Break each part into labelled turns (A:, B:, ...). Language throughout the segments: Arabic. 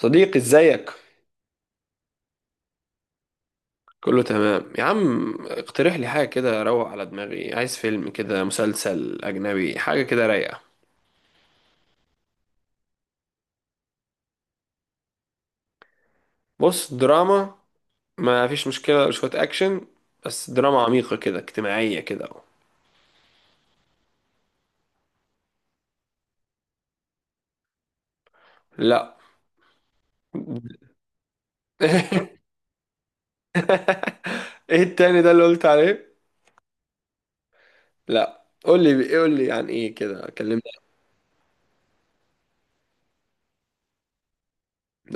A: صديقي، ازيك؟ كله تمام يا عم. اقترح لي حاجة كده اروق على دماغي، عايز فيلم كده، مسلسل اجنبي، حاجة كده رايقة. بص، دراما، ما فيش مشكلة شوية اكشن، بس دراما عميقة كده، اجتماعية كده. لا. ايه التاني ده اللي قلت عليه؟ لا، قول لي، قول لي عن ايه كده، كلمني.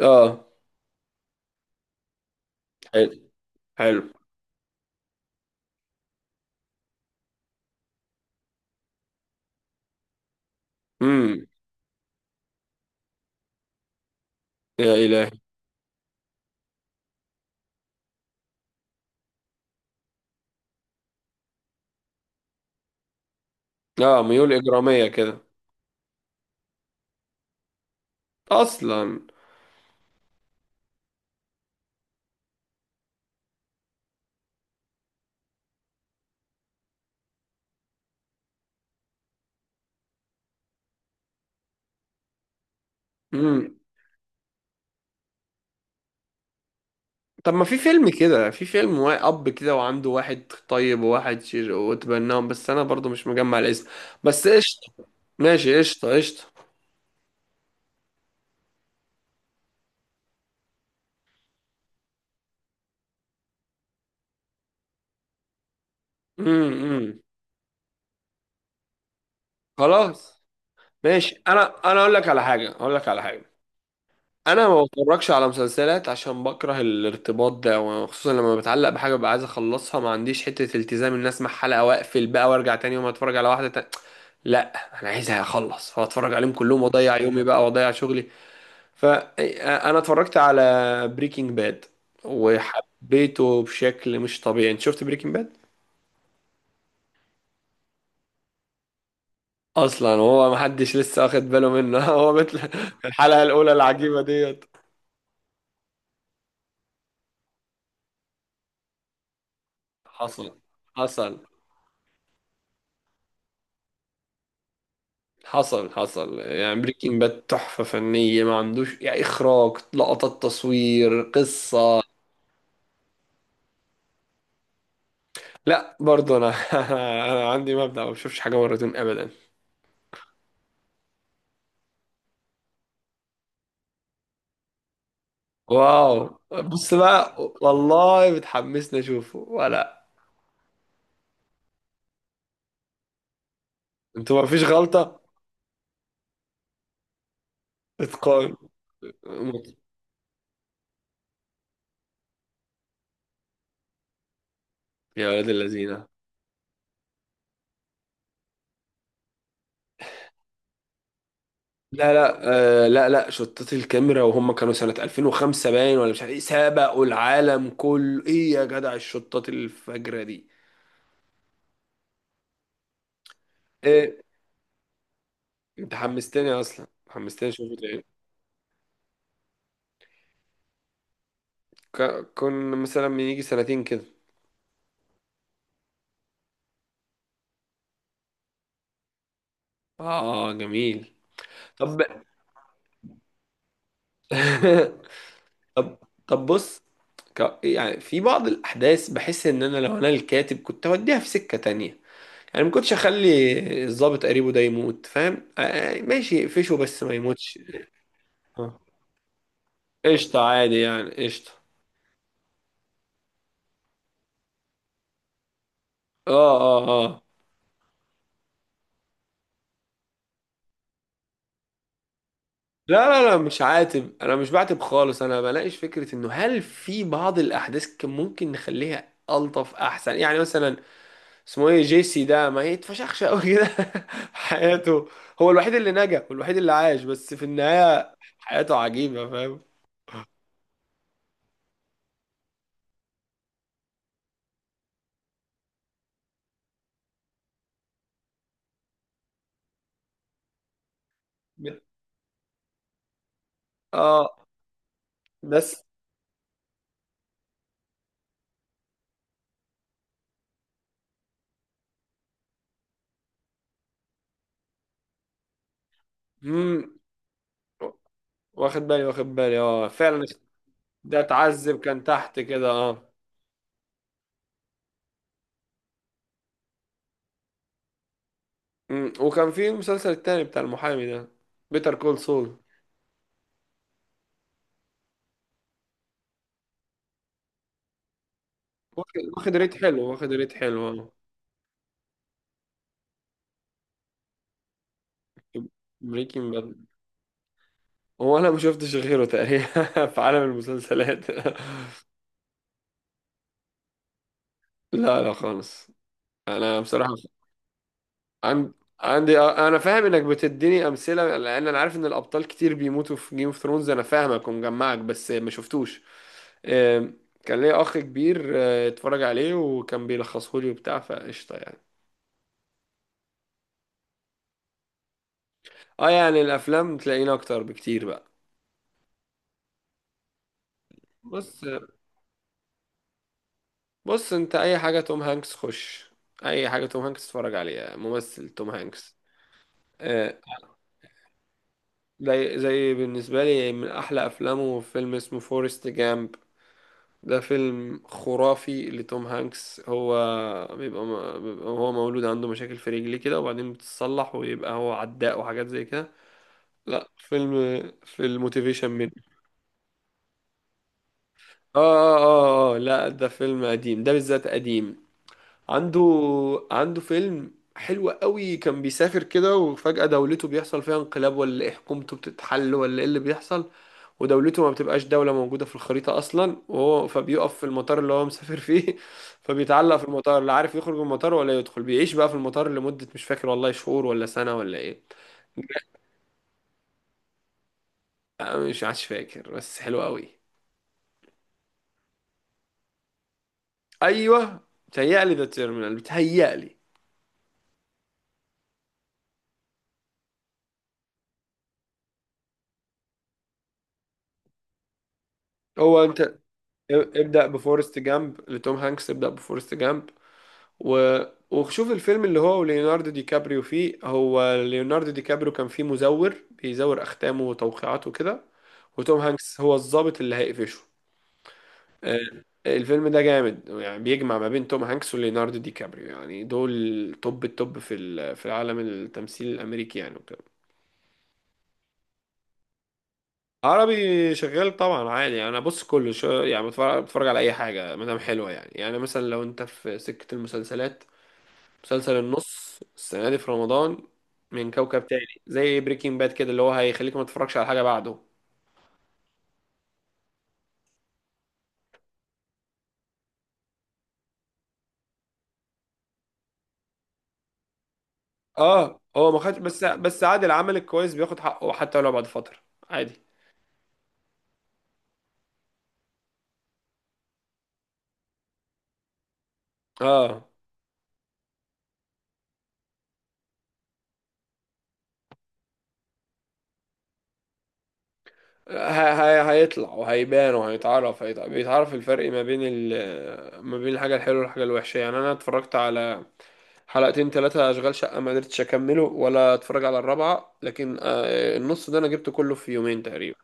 A: اه، حلو، حلو. امم يا الهي! اه، ميول اجرامية كده. اصلا. مم. طب، ما في فيلم كده، في فيلم اب كده وعنده واحد طيب وواحد شر وتبناهم، بس انا برضو مش مجمع الاسم. بس قشطه. ماشي، قشطه، قشطه. امم، خلاص. ماشي. انا اقول لك على حاجه، اقول لك على حاجه. انا ما بتفرجش على مسلسلات عشان بكره الارتباط ده، وخصوصا لما بتعلق بحاجه ببقى عايز اخلصها. ما عنديش حته التزام ان اسمع حلقه واقفل بقى وارجع تاني يوم اتفرج على واحده تاني. لا، انا عايزها اخلص فاتفرج عليهم كلهم واضيع يومي بقى واضيع شغلي. فانا اتفرجت على بريكنج باد وحبيته بشكل مش طبيعي. انت شفت بريكنج باد؟ اصلا هو محدش لسه واخد باله منه. هو مثل الحلقة الاولى العجيبة ديت. حصل، حصل، حصل، حصل. يعني بريكنج باد تحفة فنية، ما عندوش يعني، إخراج، لقطات، تصوير، قصة. لا برضه أنا. أنا عندي مبدأ ما بشوفش حاجة مرتين أبدا. واو، بص بقى، والله بتحمسني أشوفه ولا؟ أنتوا ما فيش غلطة، اتقان. يا ولاد اللذينه. لا، لا، آه، لا، لا، شطات الكاميرا وهم كانوا سنة 2005 باين، ولا مش عارف ايه. سبقوا العالم كله، ايه يا جدع الشطات الفجرة دي. ايه، انت حمستني اصلا، حمستني اشوف تاني. كنا مثلا من يجي سنتين كده. اه، جميل. طب. طب، طب، بص. يعني في بعض الاحداث بحس ان انا لو انا الكاتب كنت اوديها في سكة تانية. يعني ما كنتش اخلي الضابط قريبه ده يموت، فاهم؟ آه، آه، ماشي، فشه بس ما يموتش. آه. قشطة عادي يعني، قشطة. اه، اه، اه. لا، لا، لا، مش عاتب، انا مش بعاتب خالص. انا بلاقيش فكرة انه هل في بعض الاحداث كان ممكن نخليها الطف احسن، يعني مثلا اسمه ايه، جيسي ده ما يتفشخش قوي كده في حياته. هو الوحيد اللي نجا والوحيد اللي عاش، بس في النهاية حياته عجيبة، فاهم؟ اه، بس. مم. واخد بالي، واخد بالي، اه فعلا. ده اتعذب كان تحت كده، اه. وكان في مسلسل التاني بتاع المحامي ده، بيتر كول سول. واخد واخد ريت حلو، واخد ريت حلو، اه. بريكنج باد. هو انا ما شفتش غيره تقريبا في عالم المسلسلات. لا، لا خالص. انا بصراحة، عن- عندي، آه، انا فاهم انك بتديني امثله لان انا عارف ان الابطال كتير بيموتوا في جيم اوف ثرونز. انا فاهمك ومجمعك بس ما شفتوش. آم، كان ليا اخ كبير، آه، اتفرج عليه وكان بيلخصه لي وبتاع، فقشطه يعني. اه يعني الافلام تلاقينا اكتر بكتير بقى. بص، بص، انت اي حاجه توم هانكس خش. اي حاجه توم هانكس اتفرج عليها، ممثل توم هانكس. آه، زي بالنسبه لي من احلى افلامه فيلم اسمه فورست جامب. ده فيلم خرافي لتوم هانكس. هو بيبقى هو مولود عنده مشاكل في رجليه كده، وبعدين بتتصلح ويبقى هو عداء وحاجات زي كده. لا، فيلم، في الموتيفيشن من، آه، آه، اه، اه، لا ده فيلم قديم، ده بالذات قديم. عنده، فيلم حلو قوي، كان بيسافر كده وفجأة دولته بيحصل فيها انقلاب ولا ايه، حكومته بتتحل ولا ايه اللي بيحصل. ودولته ما بتبقاش دولة موجودة في الخريطة أصلا، وهو فبيقف في المطار اللي هو مسافر فيه فبيتعلق في المطار، لا عارف يخرج من المطار ولا يدخل، بيعيش بقى في المطار لمدة مش فاكر والله، شهور ولا سنة ولا إيه. أنا مش عادش فاكر بس حلو قوي. أيوه، بتهيألي ذا تيرمينال، بتهيألي. هو أنت، ابدأ بفورست جامب لتوم هانكس، ابدأ بفورست جامب. و... وشوف الفيلم اللي هو وليوناردو دي كابريو فيه. هو ليوناردو دي كابريو كان فيه مزور بيزور أختامه وتوقيعاته كده، وتوم هانكس هو الضابط اللي هيقفشه. آه، الفيلم ده جامد، يعني بيجمع ما بين توم هانكس وليوناردو دي كابريو، يعني دول توب التوب في في العالم، التمثيل الأمريكي يعني وكده. عربي شغال طبعا عادي يعني، انا بص كله شو يعني، بتفرج على اي حاجه ما دام حلوه يعني. مثلا لو انت في سكه المسلسلات، مسلسل النص السنة دي في رمضان من كوكب تاني زي بريكنج باد كده، اللي هو هيخليك ما تتفرجش على حاجة بعده. اه هو ما خدش بس بس عادي، العمل الكويس بياخد حقه حتى لو بعد فترة. عادي. اه، ه- هيطلع وهيبان وهيتعرف، بيتعرف الفرق ما بين الحاجة الحلوة والحاجة الوحشة يعني. أنا اتفرجت على حلقتين، ثلاثة، أشغال شقة، ما قدرتش أكمله ولا أتفرج على الرابعة، لكن آه، النص ده أنا جبته كله في يومين تقريبا.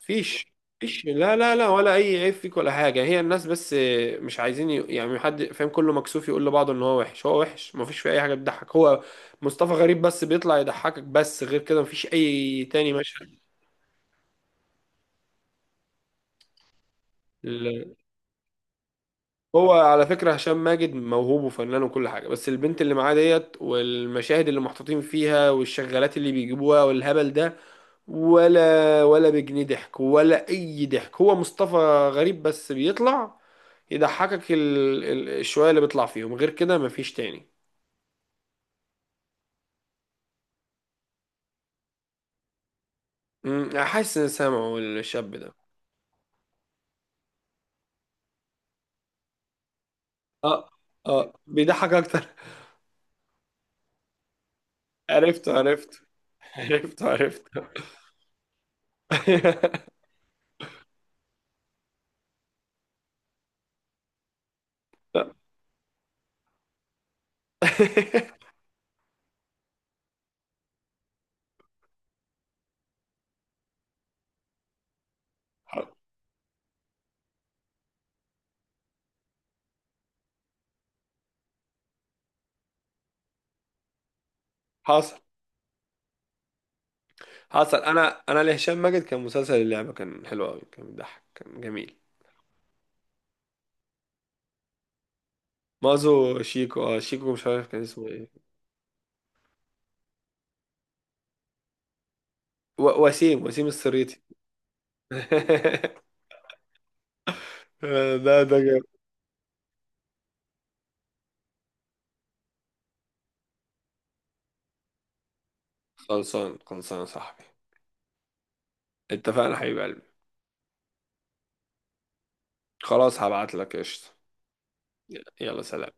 A: فيش. لا، لا، لا، ولا اي عيب فيك ولا حاجه، هي الناس بس. مش عايزين يعني حد فاهم، كله مكسوف يقول لبعضه ان هو وحش، هو وحش، مفيش فيه اي حاجه بتضحك. هو مصطفى غريب بس بيطلع يضحكك، بس غير كده مفيش اي تاني مشهد. ال- هو على فكره هشام ماجد موهوب وفنان وكل حاجه، بس البنت اللي معاه ديت، والمشاهد اللي محطوطين فيها، والشغالات اللي بيجيبوها والهبل ده، ولا بجنيه ضحك ولا اي ضحك. هو مصطفى غريب بس بيطلع يضحكك الشوية اللي بيطلع فيهم، غير كده مفيش تاني. حاسس ان سامعه الشاب ده. اه، اه، بيضحك اكتر. عرفته، عرفته، عرفته، عرفته. حصل، حصل. انا لهشام ماجد كان مسلسل اللعبة، كان حلو قوي، كان بيضحك، كان جميل. مازو شيكو، اه شيكو، مش عارف كان اسمه ايه. و... وسيم وسيم السريتي. ده جامد. خلصان، خلصان يا صاحبي. اتفقنا حبيب قلبي. خلاص، هبعت لك قشطة. يلا، سلام.